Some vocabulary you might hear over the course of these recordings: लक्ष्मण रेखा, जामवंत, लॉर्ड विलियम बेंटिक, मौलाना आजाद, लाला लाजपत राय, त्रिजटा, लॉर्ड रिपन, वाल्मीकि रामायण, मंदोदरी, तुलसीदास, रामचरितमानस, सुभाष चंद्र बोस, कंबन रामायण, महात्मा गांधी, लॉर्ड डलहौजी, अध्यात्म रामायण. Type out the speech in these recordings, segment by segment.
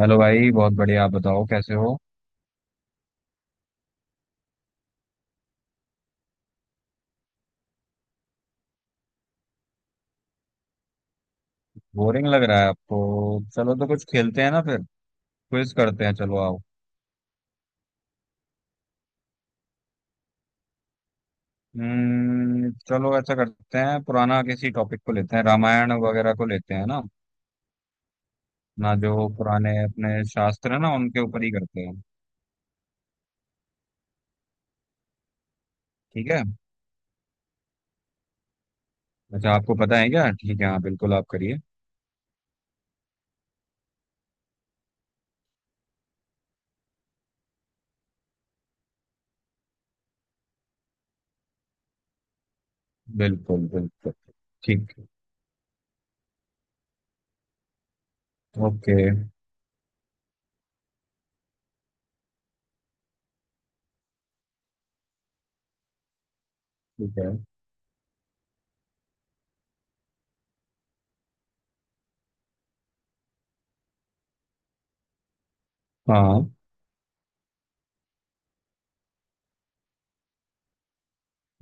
Hello भाई, बहुत बढ़िया। आप बताओ कैसे हो। बोरिंग लग रहा है आपको? चलो तो कुछ खेलते हैं ना फिर। क्विज करते हैं, चलो आओ। चलो ऐसा करते हैं, पुराना किसी टॉपिक को लेते हैं। रामायण वगैरह को लेते हैं ना। ना जो पुराने अपने शास्त्र है ना, उनके ऊपर ही करते हैं। ठीक है। अच्छा, आपको पता है क्या? ठीक है, हाँ बिल्कुल, आप करिए। बिल्कुल बिल्कुल। ठीक। ओके। ठीक है। हाँ।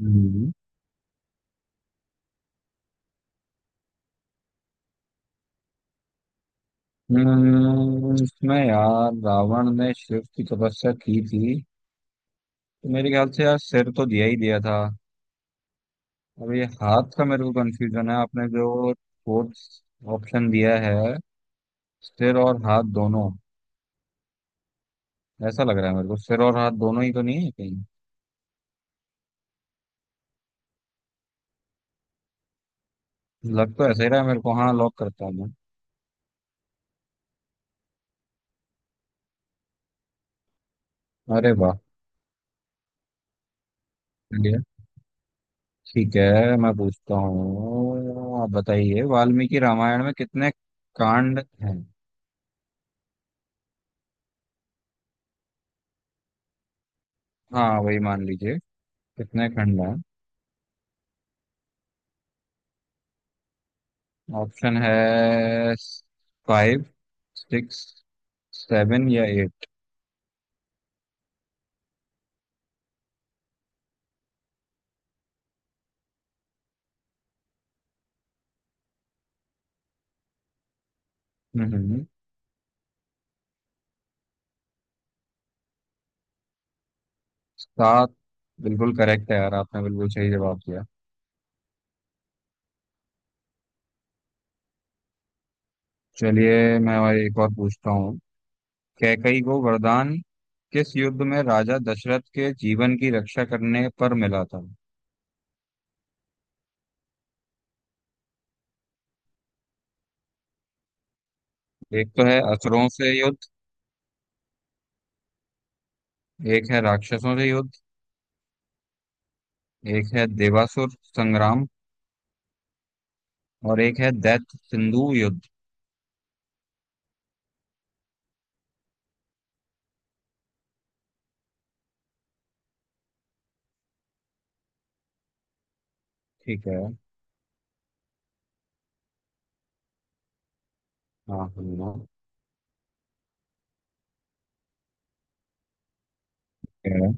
हम्म। इसमें यार रावण ने शिव की तपस्या की थी, तो मेरे ख्याल से यार सिर तो दिया ही दिया था। अब ये हाथ का मेरे को कंफ्यूजन है। आपने जो फोर्थ ऑप्शन दिया है, सिर और हाथ दोनों, ऐसा लग रहा है मेरे को सिर और हाथ दोनों ही तो नहीं है कहीं। लग तो ऐसा ही रहा है मेरे को। हाँ, लॉक करता हूँ मैं। अरे वाह। चलिए। ठीक है, मैं पूछता हूँ। आप बताइए वाल्मीकि रामायण में कितने कांड हैं। हाँ वही मान लीजिए, कितने खंड हैं। ऑप्शन है फाइव, सिक्स, सेवन या एट। सात। बिल्कुल करेक्ट है यार, आपने बिल्कुल सही जवाब दिया। चलिए, मैं और एक और पूछता हूँ। कैकई को वरदान किस युद्ध में राजा दशरथ के जीवन की रक्षा करने पर मिला था। एक तो है असुरों से युद्ध, एक है राक्षसों से युद्ध, एक है देवासुर संग्राम, और एक है दैत्य सिंधु युद्ध। ठीक है। हाँ हाँ। हाँ।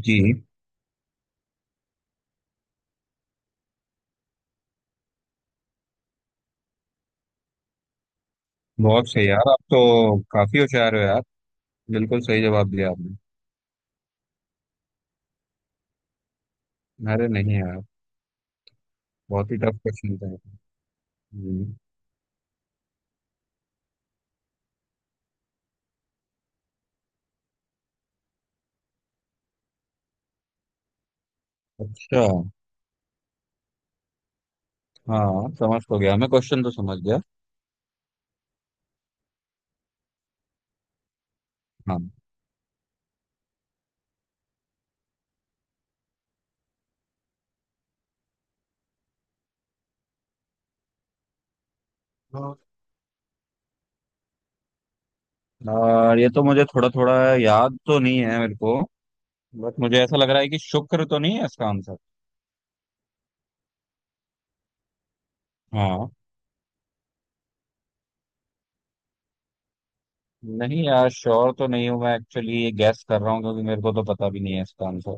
जी। बहुत सही यार, आप तो काफी होशियार हो यार। बिल्कुल सही जवाब दिया आपने। अरे नहीं यार। बहुत ही टफ क्वेश्चन था। हम्म। अच्छा। हाँ समझ तो गया, मैं क्वेश्चन तो समझ गया। हाँ हाँ। और ये तो मुझे थोड़ा थोड़ा याद तो नहीं है मेरे को, बट मुझे ऐसा लग रहा है कि शुक्र तो नहीं है इसका आंसर। हाँ। नहीं यार, श्योर तो नहीं हूँ मैं। एक्चुअली ये गैस कर रहा हूँ, क्योंकि मेरे को तो पता भी नहीं है इसका आंसर।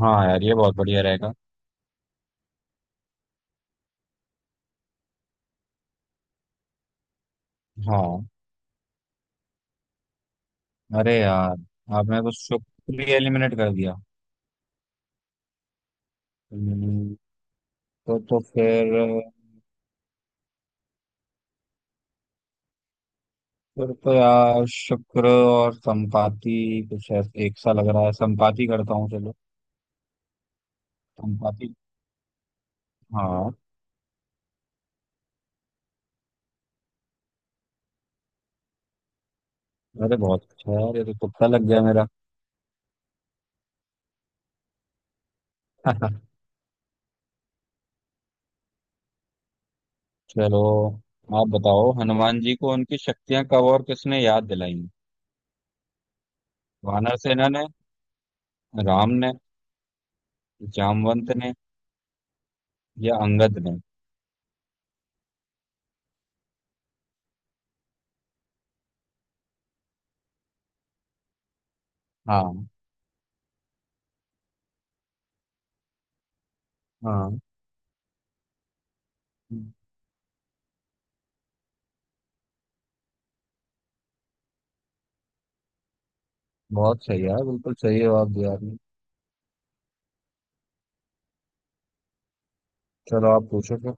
हाँ यार, ये बहुत बढ़िया रहेगा। हाँ। अरे यार, आपने तो शुक्र ही एलिमिनेट कर दिया। हम्म। तो फिर तो यार शुक्र और संपाति कुछ एक सा लग रहा है। संपाति करता हूँ चलो। तुम काफी। हाँ। अरे बहुत अच्छा है यार, ये तो तुक्का लग गया मेरा। चलो। आप बताओ हनुमान जी को उनकी शक्तियां कब और किसने याद दिलाई? वानर सेना ने, राम ने, जामवंत ने, या अंगद ने। हाँ हाँ। बहुत सही यार, बिल्कुल सही जवाब दिया आपने। चलो आप पूछो फिर।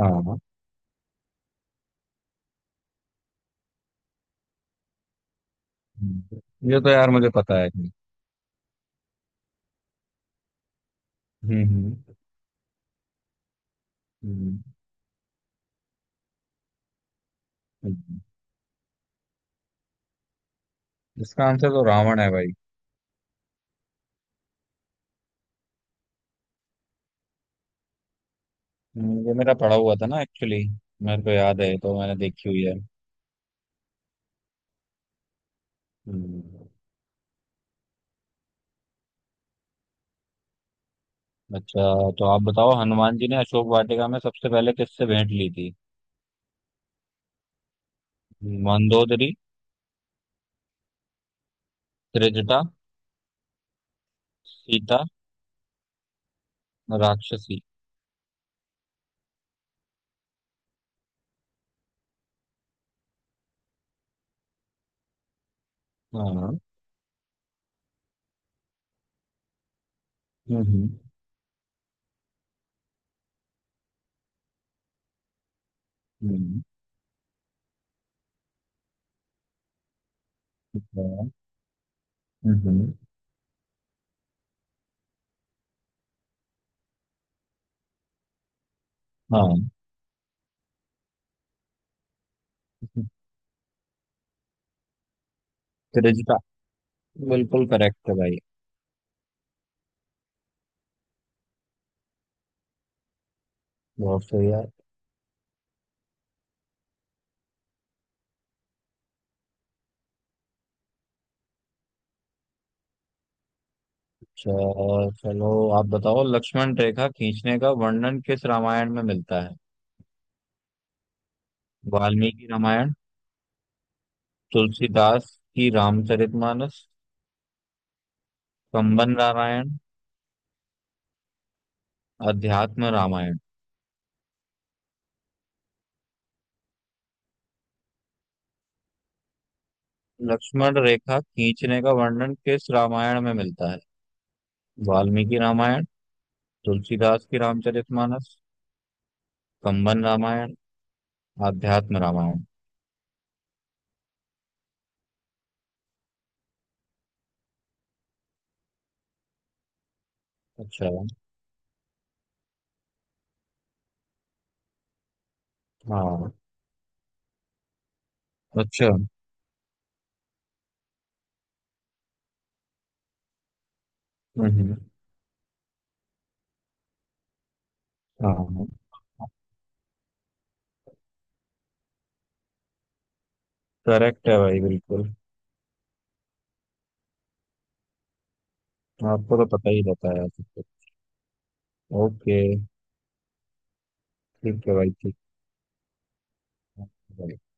हाँ। हम्म, ये तो यार मुझे पता है कि। हम्म हम्म हम्म। हम्म। इसका आंसर तो रावण है भाई। ये मेरा पढ़ा हुआ था ना एक्चुअली। मेरे को याद है, तो मैंने देखी हुई है। हम्म। अच्छा। तो आप बताओ हनुमान जी ने अशोक वाटिका में सबसे पहले किससे भेंट ली थी। मंदोदरी, त्रिजटा, सीता, राक्षसी। हाँ। हम्म हम्म। हम्म। हाँ। त्रिजटा। बिल्कुल करेक्ट है भाई। बहुत सही है। अच्छा। चलो। आप बताओ लक्ष्मण रेखा खींचने का वर्णन किस रामायण में मिलता है। वाल्मीकि रामायण, तुलसीदास की रामचरितमानस, कंबन रामायण, अध्यात्म रामायण। लक्ष्मण रेखा खींचने का वर्णन किस रामायण में मिलता है। वाल्मीकि रामायण, तुलसीदास की रामचरितमानस, कंबन रामायण, आध्यात्म रामायण। अच्छा। हाँ। अच्छा। हम्म। हाँ। करेक्ट है भाई, बिल्कुल। आपको तो पता ही रहता है सब कुछ। ओके। ठीक है भाई। ठीक है।